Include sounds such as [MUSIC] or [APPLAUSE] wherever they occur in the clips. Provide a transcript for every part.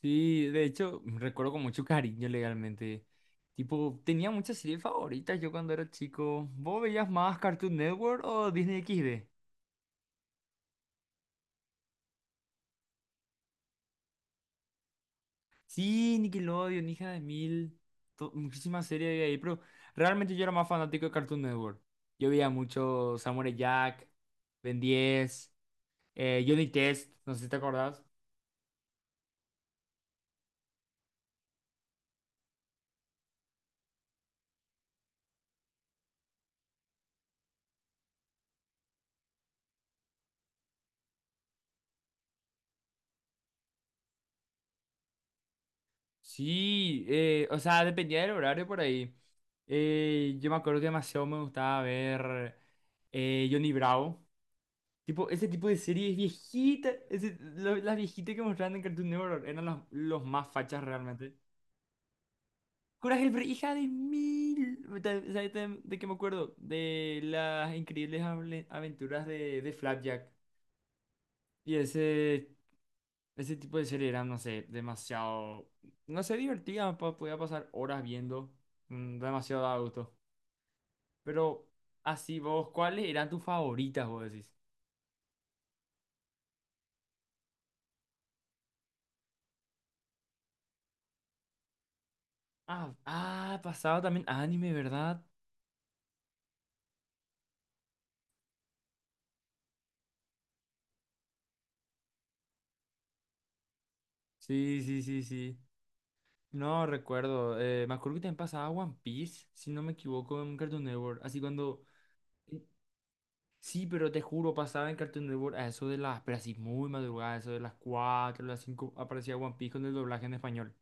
Sí, de hecho, recuerdo con mucho cariño legalmente. Tipo, tenía muchas series favoritas yo cuando era chico. ¿Vos veías más Cartoon Network o Disney XD? Sí, Nickelodeon, hija de mil. Muchísimas series había ahí, pero realmente yo era más fanático de Cartoon Network. Yo veía mucho Samurai Jack, Ben 10, Johnny Test, no sé si te acordás. Sí, o sea, dependía del horario por ahí. Yo me acuerdo que demasiado me gustaba ver Johnny Bravo. Tipo, ese tipo de series viejitas, las viejitas que mostraban en Cartoon Network eran los más fachas realmente. Hija de mil. ¿Sabes de qué me acuerdo? De las aventuras de Flapjack. Y ese tipo de serie eran, no sé, demasiado, no sé, podía pasar horas viendo, demasiado a gusto. Pero así vos, ¿cuáles eran tus favoritas, vos decís? ¿Pasaba también anime, verdad? Sí, sí, sí, sí. No recuerdo. Me acuerdo que también pasaba One Piece, si no me equivoco, en Cartoon Network. Así cuando. eh, Sí, pero te juro, pasaba en Cartoon Network a eso de las. Pero así muy madrugada, eso de las 4 las 5 aparecía One Piece con el doblaje en español.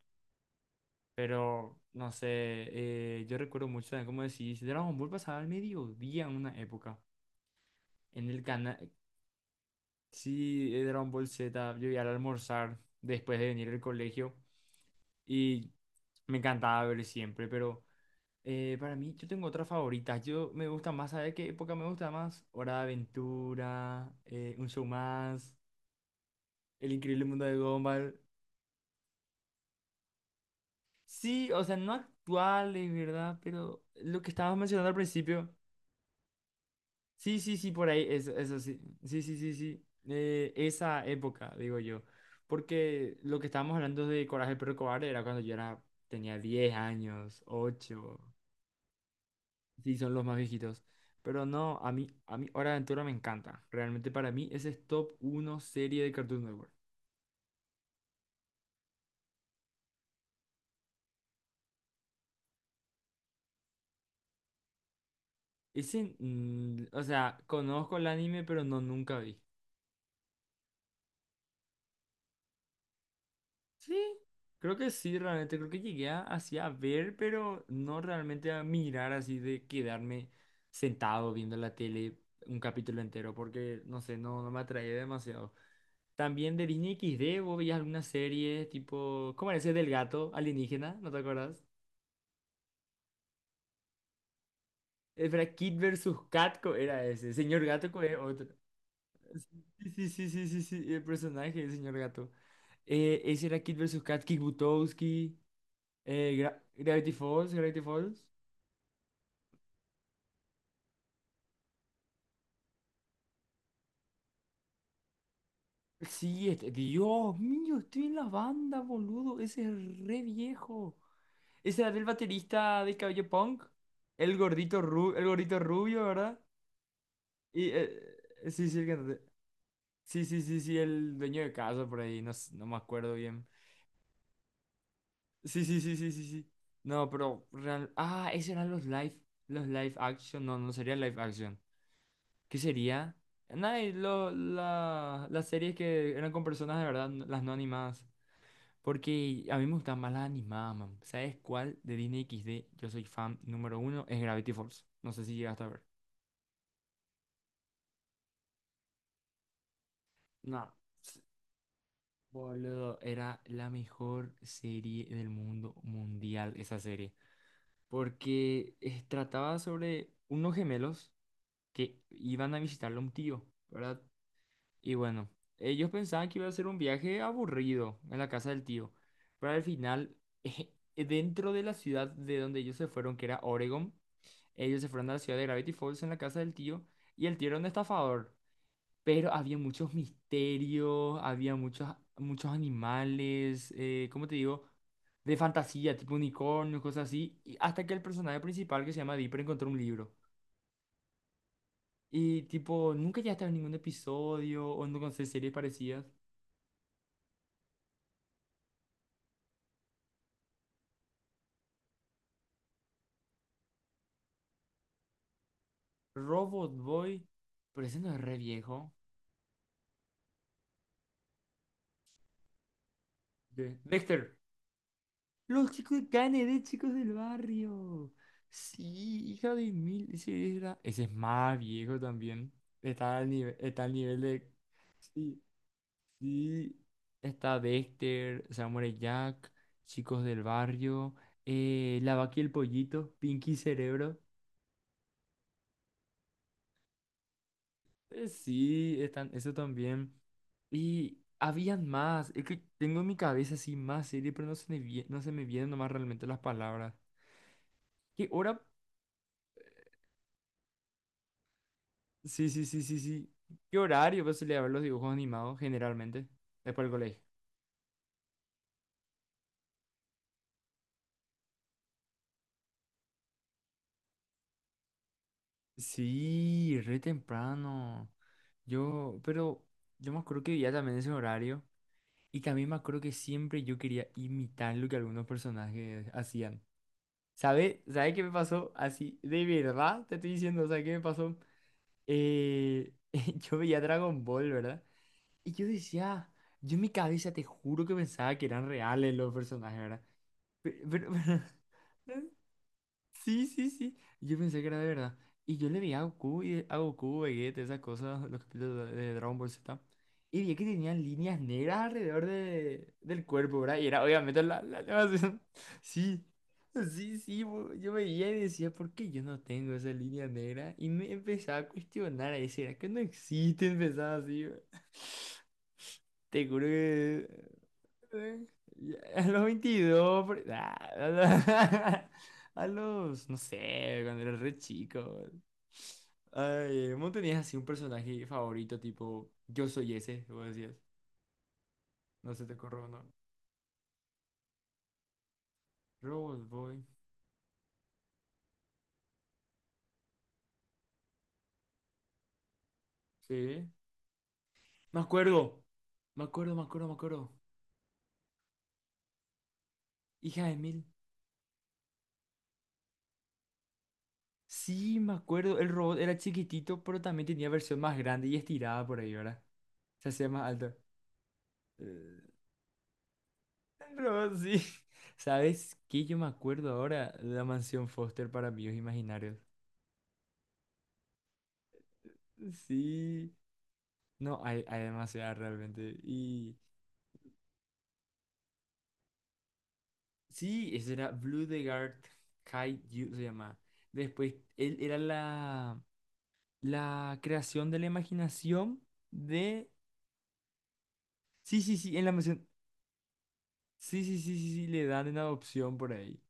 Pero, no sé, yo recuerdo mucho también, como decís, Dragon Ball pasaba al mediodía en una época. En el canal. Sí, Dragon Ball Z, yo iba al almorzar después de venir del colegio. Y me encantaba ver siempre, pero. Para mí, yo tengo otra favorita. Yo me gusta más, ¿sabes qué época me gusta más? Hora de Aventura, Un Show Más, El Increíble Mundo de Gumball. Sí, o sea, no actuales, ¿verdad? Pero lo que estabas mencionando al principio. Sí, sí, sí, por ahí, eso sí. Sí, sí, sí, sí. Esa época, digo yo. Porque lo que estábamos hablando de Coraje el Perro Cobarde era cuando yo era, tenía 10 años, ocho. Sí, son los más viejitos. Pero no, a mí Hora de Aventura me encanta. Realmente para mí ese es top uno serie de Cartoon Network. Ese, o sea, conozco el anime, pero no nunca vi. Sí, creo que sí, realmente. Creo que llegué a, así a ver, pero no realmente a mirar así de quedarme sentado viendo la tele un capítulo entero, porque no sé, no, no me atraía demasiado. También de Disney XD, vos veías alguna serie tipo, ¿cómo era ese del gato alienígena? ¿No te acuerdas? Espera, Kid versus Catco era ese. Es otro. Sí, sí, sí, sí, sí, sí, el personaje del señor Gato. Ese era Kid versus Kat, Kick Butowski, Gravity Falls, Gravity Falls. Sí, este, Dios mío, estoy en la banda, boludo. Ese es re viejo. Ese era el baterista de cabello punk. El gordito rubio, ¿verdad? Y, sí, sí, el cantante. Sí, sí, sí, sí, el dueño de casa por ahí, no me acuerdo bien. Sí, sí, sí, sí, sí, sí. No, pero real... Ah, esos eran los live action. No, no sería live action. ¿Qué sería? Nada, y las series que eran con personas de verdad, las no animadas. Porque a mí me gustan más las animadas, man. ¿Sabes cuál de Disney X D yo soy fan número uno? Es Gravity Falls. No sé si llegaste a ver. No, s- boludo, era la mejor serie del mundo mundial, esa serie. Porque trataba sobre unos gemelos que iban a visitarle a un tío, ¿verdad? Y bueno, ellos pensaban que iba a ser un viaje aburrido en la casa del tío, pero al final, [LAUGHS] dentro de la ciudad de donde ellos se fueron, que era Oregon, ellos se fueron a la ciudad de Gravity Falls en la casa del tío y el tío era un estafador, pero había muchos misterios, había muchos, muchos animales, ¿cómo te digo? De fantasía, tipo unicornios, cosas así, y hasta que el personaje principal que se llama Dipper encontró un libro. Y tipo, nunca ya estaba en ningún episodio o no sé series parecidas. Robot Boy, pero ese no es re viejo. Dexter, los chicos de Kennedy, chicos del barrio. Sí, hija de mil. Ese, ese es más viejo también. Está al nivel de. Sí, sí. Está Dexter, Samurai Jack, chicos del barrio. La vaca y el pollito, Pinky y Cerebro. Sí, están, eso también. Y habían más. Es que tengo en mi cabeza así más serie, pero no se me, no se me vienen nomás realmente las palabras. ¿Qué hora? Sí, sí, sí, sí, sí. ¿Qué horario vas a ver los dibujos animados generalmente? Después del colegio. Sí, re temprano. Yo, pero yo me acuerdo que vivía también ese horario. Y también me acuerdo que siempre yo quería imitar lo que algunos personajes hacían. ¿Sabes? ¿Sabes qué me pasó? Así, de verdad te estoy diciendo, o sea, ¿qué me pasó? Eh, [LAUGHS] yo veía Dragon Ball, ¿verdad? Y yo decía, yo en mi cabeza te juro que pensaba que eran reales los personajes, ¿verdad? Pero, [LAUGHS] pero, sí, sí, sí. Yo pensé que era de verdad. Y yo le vi a Goku, y a Goku, Vegeta, esas cosas, los capítulos de Dragon Ball Z. Y vi que tenían líneas negras alrededor de, del cuerpo, ¿verdad? Y era obviamente la, la elevación. [LAUGHS] Sí, sí, sí. Yo veía y decía, ¿por qué yo no tengo esa línea negra? Y me empezaba a cuestionar, a decir, ¿será que no existe? Empezaba así. [LAUGHS] Te juro que a los 22 [LAUGHS] ah, a los, [LAUGHS] a los, no sé, cuando era re chico. Ay, ¿vos tenías así un personaje favorito tipo yo soy ese? Vos decías, no se te ocurre uno. Robot Boy. Sí. Me acuerdo. Me acuerdo, me acuerdo, me acuerdo. Hija de mil. Sí, me acuerdo. El robot era chiquitito, pero también tenía versión más grande y estirada por ahí, ¿verdad? Se hacía más alto. Eh, No, sí. [LAUGHS] ¿Sabes qué? Yo me acuerdo ahora de la mansión Foster para amigos imaginarios. Sí. No, hay demasiada realmente. Y sí, ese era Blue the Guard Kaiju se llama. Después, él era la creación de la imaginación de... Sí, sí, sí, en la mansión... Sí, sí, sí, sí, sí, le dan en adopción por ahí.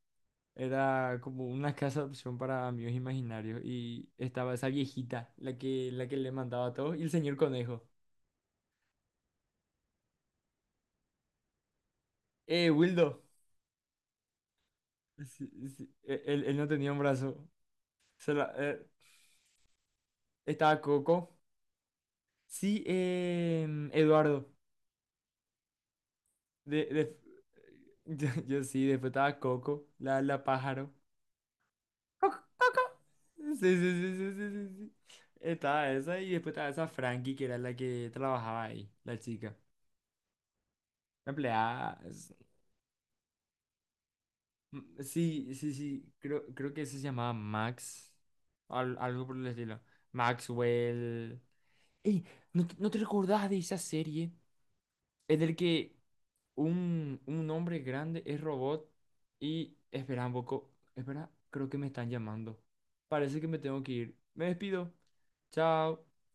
Era como una casa de opción para amigos imaginarios y estaba esa viejita, la que le mandaba a todos, y el señor conejo. Wildo. Sí, sí, él, él no tenía un brazo. Se la- eh, Estaba Coco. Sí, Eduardo. De, de- [LAUGHS] yo sí, después estaba Coco, la pájaro. Coco, Coco. Sí, sí, sí, sí, sí, sí. Sí. Estaba esa y después estaba esa Frankie, que era la que trabajaba ahí, la chica. La empleada. Sí, sí, sí, creo, creo que ese se llamaba Max, algo por el estilo. Maxwell. Ey, ¿no, ¿te no te recordás de esa serie? Es del que un hombre grande es robot y espera un poco, espera, creo que me están llamando. Parece que me tengo que ir. Me despido. Chao.